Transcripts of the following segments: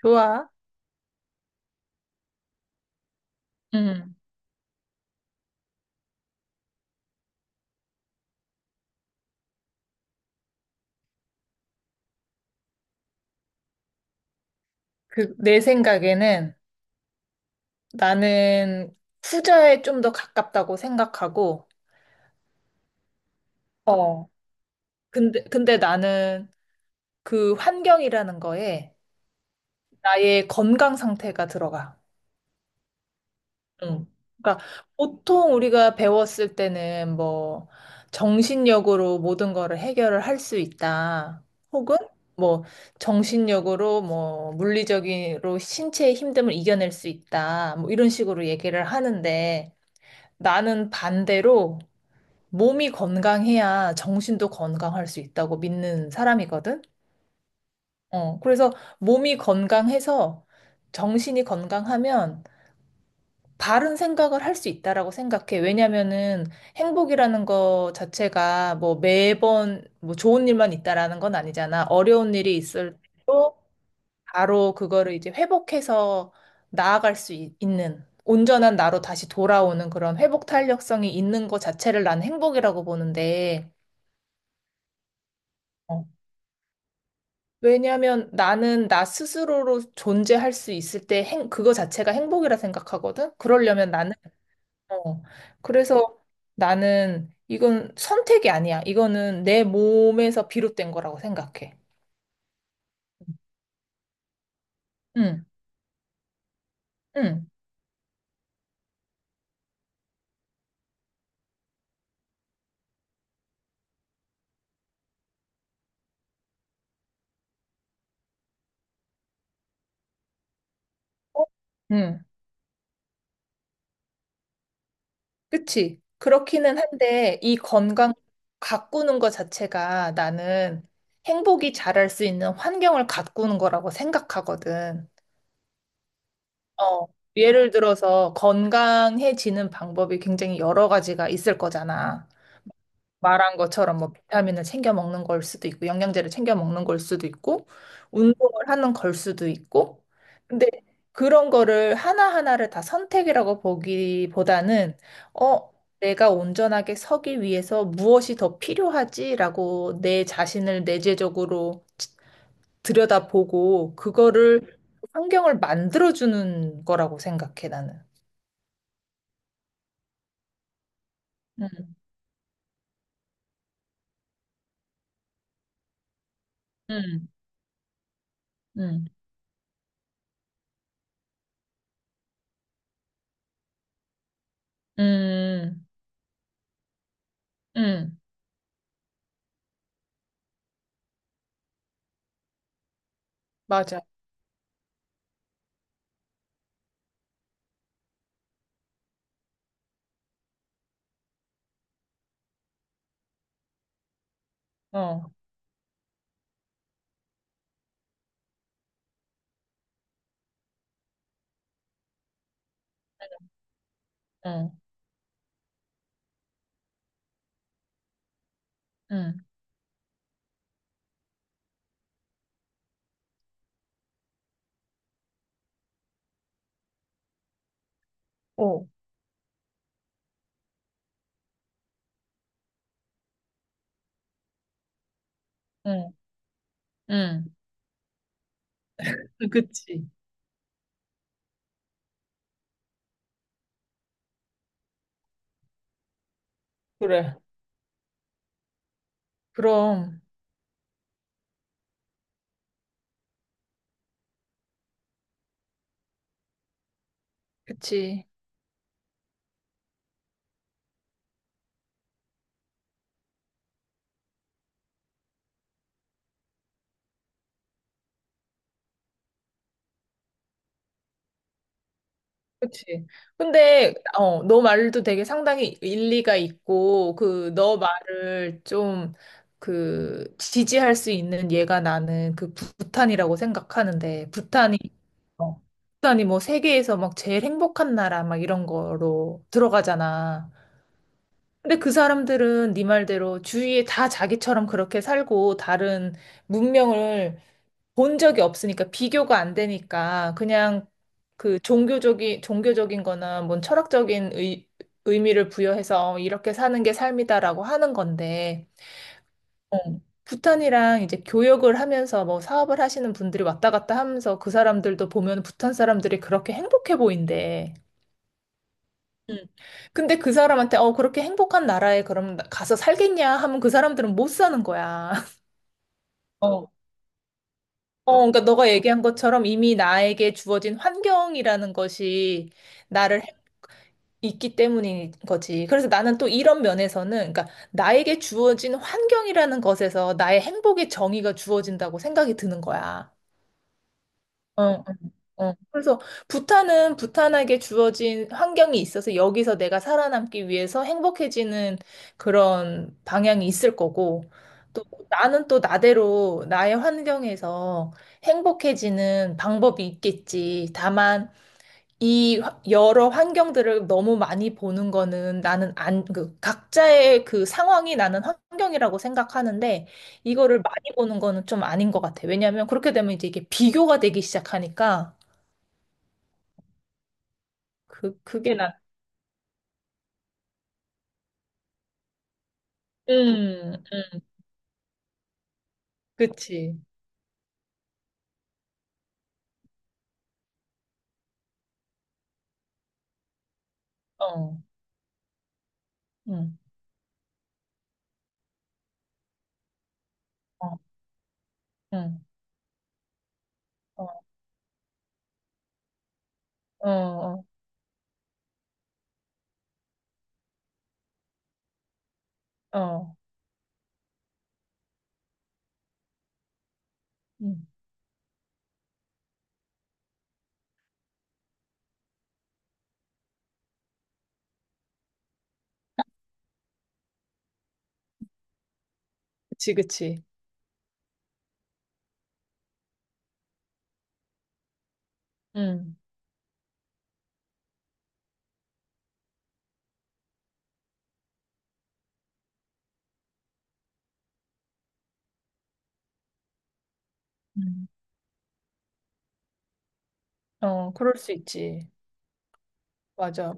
좋아. 음. 그, 내 생각에는 나는 후자에 좀 더 가깝다고 생각하고, 어. 근데 나는 그 환경이라는 거에 나의 건강 상태가 들어가. 응. 그러니까 보통 우리가 배웠을 때는 뭐 정신력으로 모든 거를 해결을 할 수 있다. 혹은 뭐 정신력으로 뭐 물리적으로 신체의 힘듦을 이겨낼 수 있다. 뭐 이런 식으로 얘기를 하는데 나는 반대로 몸이 건강해야 정신도 건강할 수 있다고 믿는 사람이거든. 그래서 몸이 건강해서 정신이 건강하면 바른 생각을 할 수 있다라고 생각해. 왜냐면은 행복이라는 거 자체가 뭐 매번 뭐 좋은 일만 있다라는 건 아니잖아. 어려운 일이 있을 때도 바로 그거를 이제 회복해서 나아갈 수 있, 는 온전한 나로 다시 돌아오는 그런 회복 탄력성이 있는 것 자체를 난 행복이라고 보는데, 어. 왜냐면 나는 나 스스로로 존재할 수 있을 때 그거 자체가 행복이라 생각하거든? 그러려면 나는, 어. 그래서 나는 이건 선택이 아니야. 이거는 내 몸에서 비롯된 거라고 생각해. 응, 응. 어? 응. 그치? 그렇기는 한데 이 건강 가꾸는 것 자체가 나는 행복이 자랄 수 있는 환경을 가꾸는 거라고 생각하거든. 어, 예를 들어서 건강해지는 방법이 굉장히 여러 가지가 있을 거잖아. 말한 것처럼 뭐 비타민을 챙겨 먹는 걸 수도 있고 영양제를 챙겨 먹는 걸 수도 있고 운동을 하는 걸 수도 있고 근데 그런 거를 하나하나를 다 선택이라고 보기보다는 어 내가 온전하게 서기 위해서 무엇이 더 필요하지라고 내 자신을 내재적으로 들여다보고 그거를 환경을 만들어주는 거라고 생각해 나는. 음, 음, 음, 음, 음, 맞아. 어, 어, 음. 어, 응, 응. 그치. 그래. 그럼, 그치. 그치. 근데, 너 말도 되게 상당히 일리가 있고, 그, 너 말을 좀, 그, 지지할 수 있는 얘가 나는 그 부탄이라고 생각하는데, 어, 부탄이 뭐 세계에서 막 제일 행복한 나라 막 이런 거로 들어가잖아. 근데 그 사람들은 네 말대로 주위에 다 자기처럼 그렇게 살고, 다른 문명을 본 적이 없으니까 비교가 안 되니까 그냥 그 종교적인 거나 뭔 철학적인 의미를 부여해서 이렇게 사는 게 삶이다라고 하는 건데 어, 부탄이랑 이제 교역을 하면서 뭐 사업을 하시는 분들이 왔다 갔다 하면서 그 사람들도 보면 부탄 사람들이 그렇게 행복해 보인대. 음. 근데 그 사람한테 그렇게 행복한 나라에 그럼 가서 살겠냐 하면 그 사람들은 못 사는 거야. 어. 그러니까 너가 얘기한 것처럼 이미 나에게 주어진 환경이라는 것이 나를 해- 있기 때문인 거지. 그래서 나는 또 이런 면에서는, 그러니까 나에게 주어진 환경이라는 것에서 나의 행복의 정의가 주어진다고 생각이 드는 거야. 어. 그래서 부탄은 부탄에게 주어진 환경이 있어서 여기서 내가 살아남기 위해서 행복해지는 그런 방향이 있을 거고, 또 나는 또 나대로 나의 환경에서 행복해지는 방법이 있겠지. 다만, 여러 환경들을 너무 많이 보는 거는 나는 안, 그 각자의 그 상황이 나는 환경이라고 생각하는데, 이거를 많이 보는 거는 좀 아닌 것 같아. 왜냐하면 그렇게 되면 이제 이게 비교가 되기 시작하니까, 그, 그게 나, 그, 그치. 어, 음, 어, 음, 어, 어, 어, 어, 음, 그치, 그치. 음, 음, 어, 그럴 수 있지. 맞아.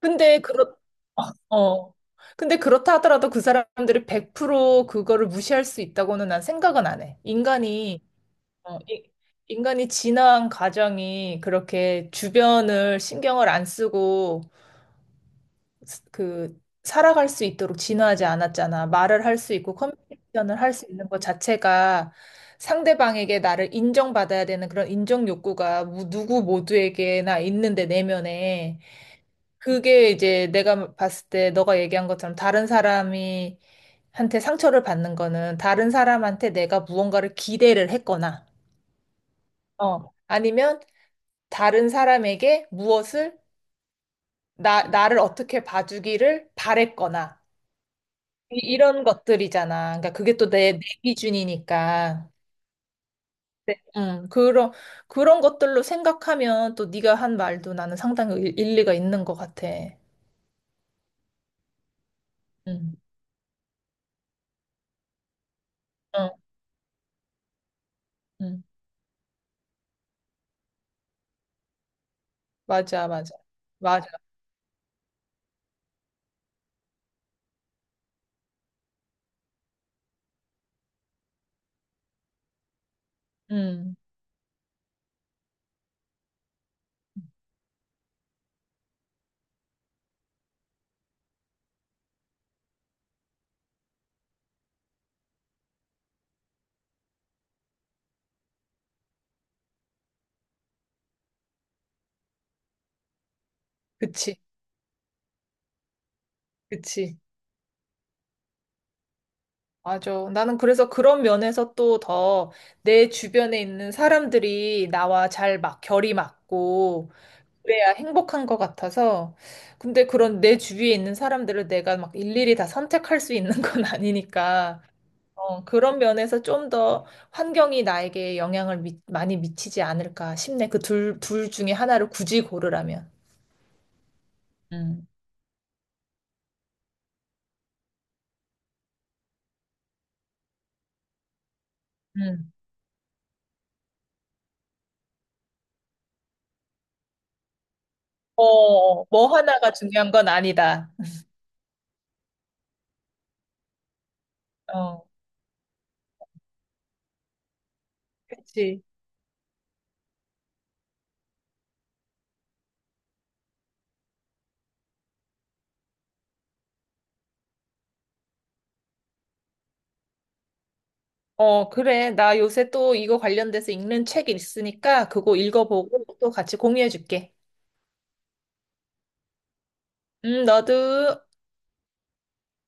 근데, 그렇, 어, 근데 그렇다 하더라도 그 사람들이 100% 그거를 무시할 수 있다고는 난 생각은 안 해. 어, 이- 인간이 진화한 과정이 그렇게 주변을 신경을 안 쓰고 그 살아갈 수 있도록 진화하지 않았잖아. 말을 할 수 있고 커뮤니케이션을 할 수 있는 것 자체가 상대방에게 나를 인정받아야 되는 그런 인정 욕구가 누구 모두에게나 있는데 내면에 그게 이제 내가 봤을 때 너가 얘기한 것처럼 다른 사람이 한테 상처를 받는 거는 다른 사람한테 내가 무언가를 기대를 했거나 아니면 다른 사람에게 무엇을 나 나를 어떻게 봐주기를 바랬거나 이런 것들이잖아. 그러니까 그게 또 내 기준이니까. 음, 그런, 그런 것들로 생각하면 또 네가 한 말도 나는 상당히 일리가 있는 것 같아. 음, 어, 음. 맞아, 맞아. 맞아. 음, 그치, 그치. 맞아. 나는 그래서 그런 면에서 또 더 내 주변에 있는 사람들이 나와 잘 막 결이 맞고 그래야 행복한 것 같아서. 근데 그런 내 주위에 있는 사람들을 내가 막 일일이 다 선택할 수 있는 건 아니니까. 그런 면에서 좀 더 환경이 나에게 영향을 많이 미치지 않을까 싶네. 그 둘 중에 하나를 굳이 고르라면. 음, 음. 어, 어, 뭐 하나가 중요한 건 아니다. 어, 그치. 어, 그래. 나 요새 또 이거 관련돼서 읽는 책이 있으니까 그거 읽어보고 또 같이 공유해줄게. 너도.